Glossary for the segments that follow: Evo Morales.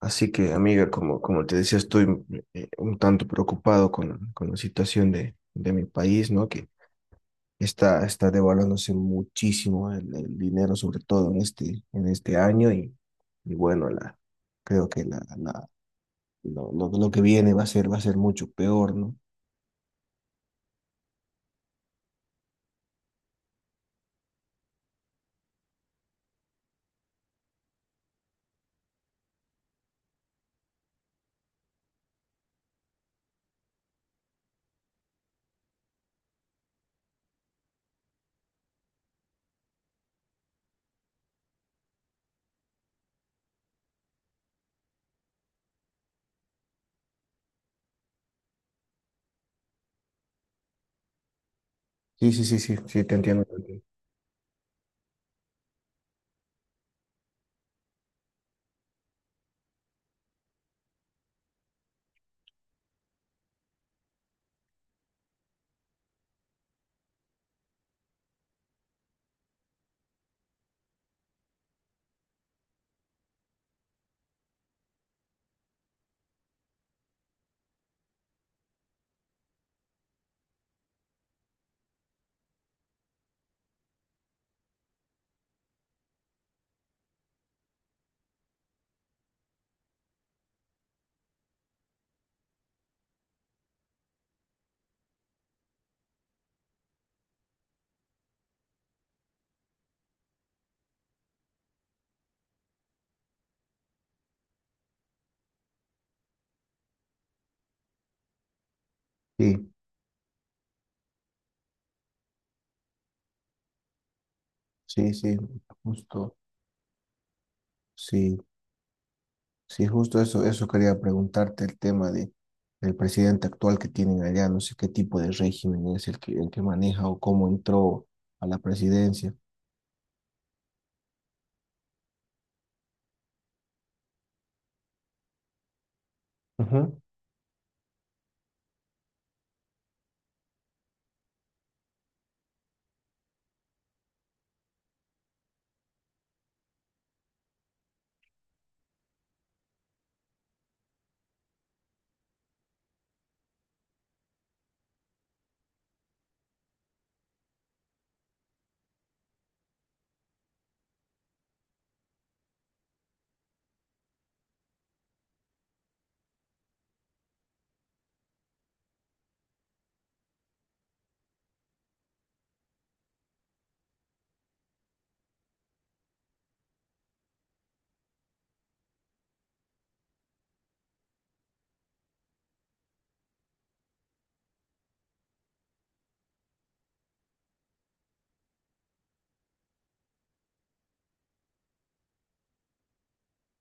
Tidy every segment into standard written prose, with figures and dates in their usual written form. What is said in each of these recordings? Así que, amiga, como te decía, estoy un tanto preocupado con la situación de mi país, ¿no? Que está devaluándose muchísimo el dinero, sobre todo en este año, y, bueno, creo que lo que viene va a ser mucho peor, ¿no? Sí, sí, sí, sí, sí, te entiendo. Te entiendo. Sí, sí, sí, justo, sí. Sí, justo eso quería preguntarte el tema del presidente actual que tienen allá, no sé qué tipo de régimen es el que maneja o cómo entró a la presidencia. Ujú.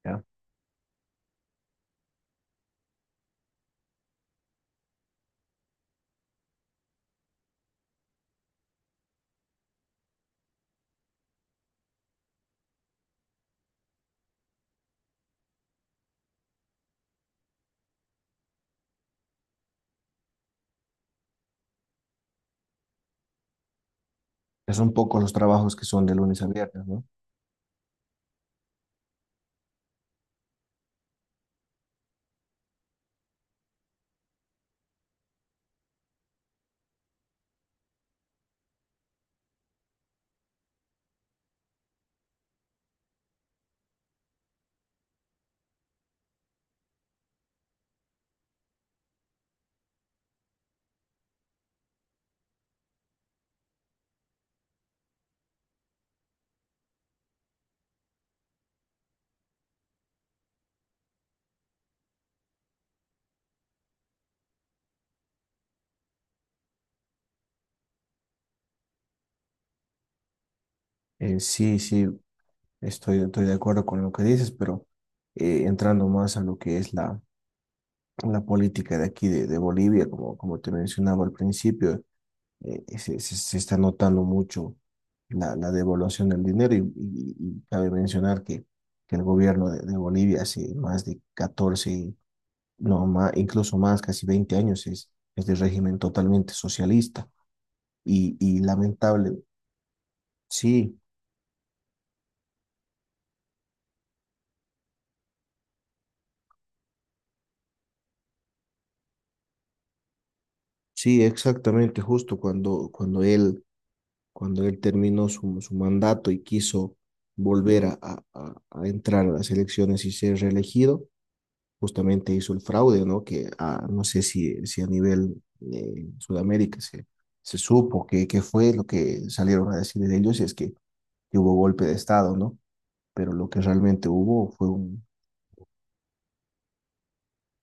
Ya. Que son pocos los trabajos que son de lunes a viernes, ¿no? Sí, sí, estoy de acuerdo con lo que dices, pero entrando más a lo que es la política de aquí de Bolivia, como te mencionaba al principio, se, se está notando mucho la devaluación del dinero y cabe mencionar que el gobierno de Bolivia hace más de 14, no, más, incluso más, casi 20 años es de régimen totalmente socialista y lamentable. Sí, sí, exactamente, justo cuando él terminó su mandato y quiso volver a entrar a las elecciones y ser reelegido, justamente hizo el fraude, ¿no? Que no sé si, si a nivel Sudamérica se, se supo que fue lo que salieron a decir de ellos, y es que hubo golpe de Estado, ¿no? Pero lo que realmente hubo fue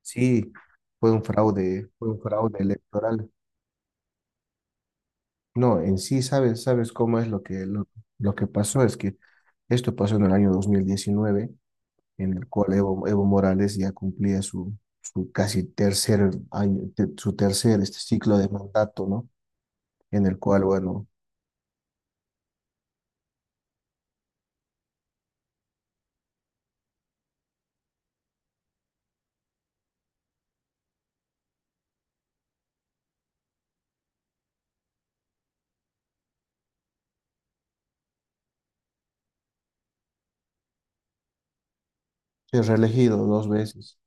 sí, fue un fraude electoral. No, en sí, ¿sabes, cómo es lo que pasó? Es que esto pasó en el año 2019, en el cual Evo Morales ya cumplía su casi tercer año, su tercer ciclo de mandato, ¿no? En el cual, bueno, es reelegido dos veces.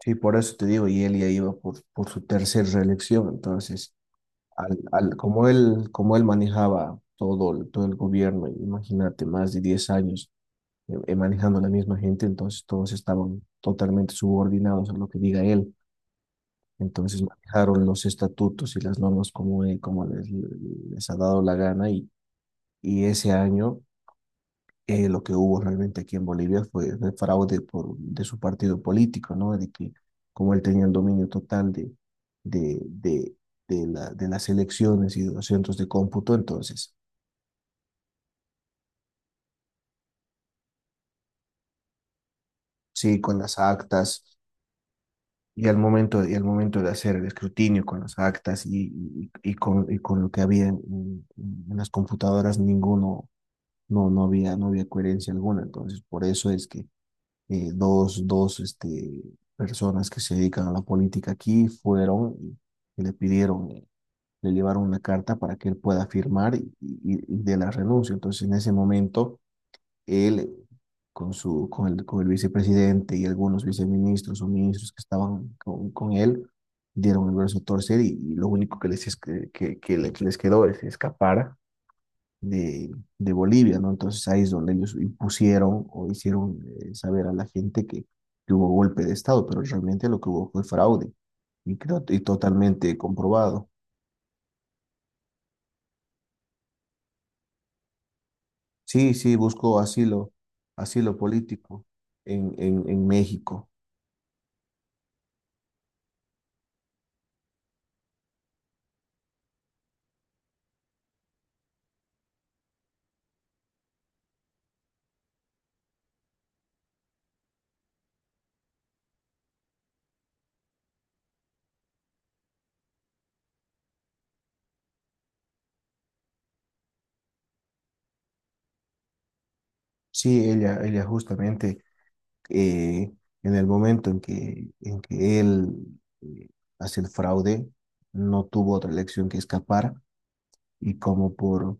Sí, por eso te digo, y él ya iba por su tercera reelección. Entonces, como él manejaba todo, todo el gobierno, imagínate, más de 10 años manejando a la misma gente, entonces todos estaban totalmente subordinados a lo que diga él. Entonces manejaron los estatutos y las normas como les ha dado la gana y ese año lo que hubo realmente aquí en Bolivia fue el fraude de su partido político, ¿no? De que como él tenía el dominio total de, de, de las elecciones y de los centros de cómputo, entonces, sí, con las actas y y al momento de hacer el escrutinio con las actas y con lo que había en las computadoras, no, no había coherencia alguna, entonces por eso es que dos personas que se dedican a la política aquí fueron y le pidieron, le llevaron una carta para que él pueda firmar y de la renuncia. Entonces, en ese momento, él con el vicepresidente y algunos viceministros o ministros que estaban con él, dieron el brazo a torcer y lo único que les, es- que le- que les quedó es escapar de, de Bolivia, ¿no? Entonces ahí es donde ellos impusieron o hicieron saber a la gente que hubo golpe de Estado, pero realmente lo que hubo fue fraude y, creo, y totalmente comprobado. Sí, sí, buscó asilo, asilo político en México. Sí, ella justamente eh, en el momento en que él eh, hace el fraude, no tuvo otra elección que escapar y como por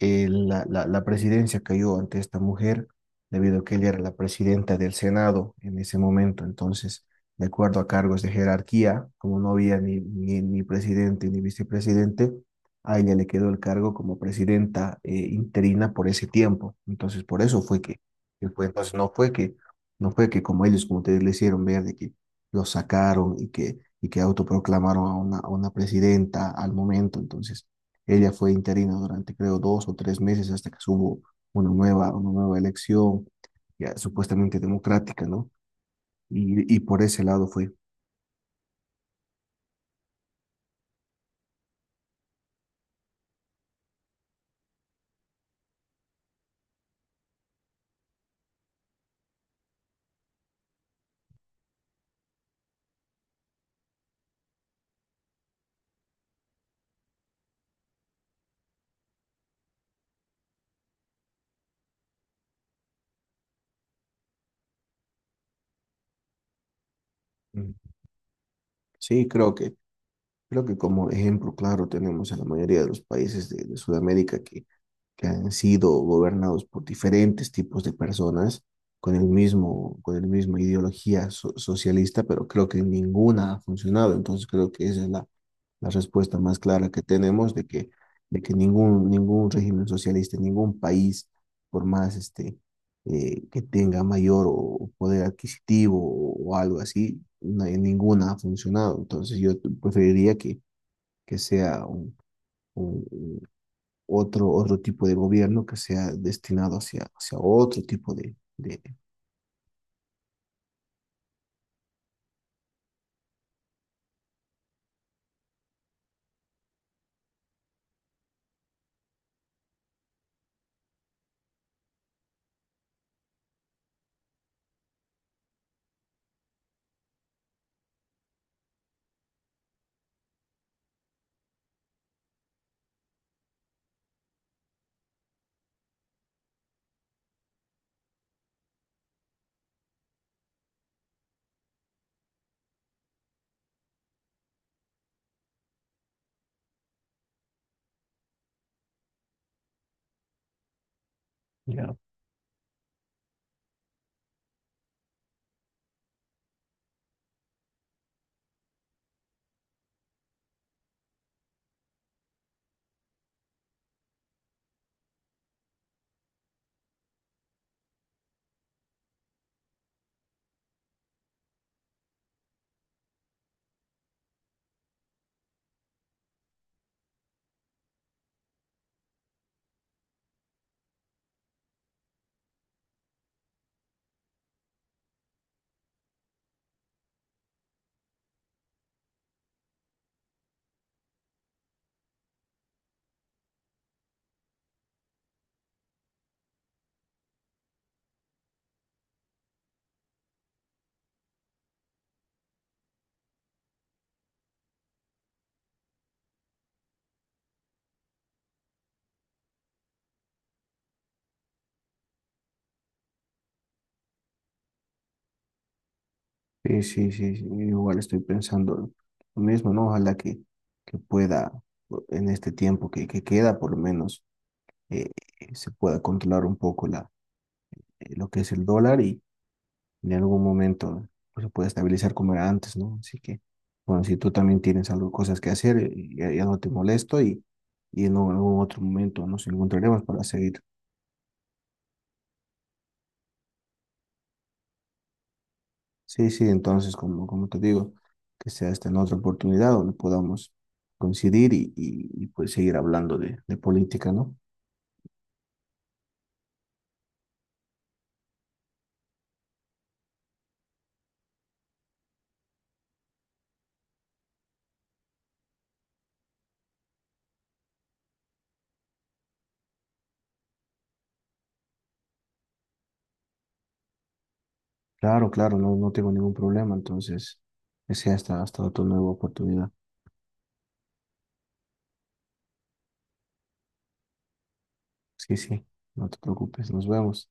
la presidencia cayó ante esta mujer debido a que ella era la presidenta del Senado en ese momento. Entonces, de acuerdo a cargos de jerarquía, como no había ni presidente ni vicepresidente, a ella le quedó el cargo como presidenta interina por ese tiempo. Entonces, por eso fue que fue. Entonces, no fue que, no fue que como ellos, como ustedes le hicieron ver, de que lo sacaron y que autoproclamaron a una presidenta al momento. Entonces, ella fue interina durante, creo, 2 o 3 meses hasta que hubo una nueva elección, ya supuestamente democrática, ¿no? Y por ese lado fue. Mm. Sí, creo que como ejemplo claro tenemos a la mayoría de los países de Sudamérica que han sido gobernados por diferentes tipos de personas con el mismo ideología socialista, pero creo que ninguna ha funcionado. Entonces creo que esa es la respuesta más clara que tenemos de que ningún régimen socialista, ningún país, por más que tenga mayor o poder adquisitivo o algo así, ninguna ha funcionado. Entonces yo preferiría que sea un, un- otro tipo de gobierno que sea destinado hacia otro tipo de... Ya. Sí, sí, sí, sí, igual estoy pensando lo mismo, ¿no? Ojalá que pueda, en este tiempo que queda, por lo menos, eh, se pueda controlar un poco lo que es el dólar y en algún momento pues, se pueda estabilizar como era antes, ¿no? Así que, bueno, si tú también tienes algo, cosas que hacer, ya, ya no te molesto y en algún otro momento nos encontraremos para seguir. Sí, sí, entonces, como te digo, que sea esta en otra oportunidad donde podamos coincidir y pues seguir hablando de política, ¿no? Claro, claro, no, no tengo ningún problema, entonces, que sea hasta otra nueva oportunidad. Sí, sí, no te preocupes, nos vemos.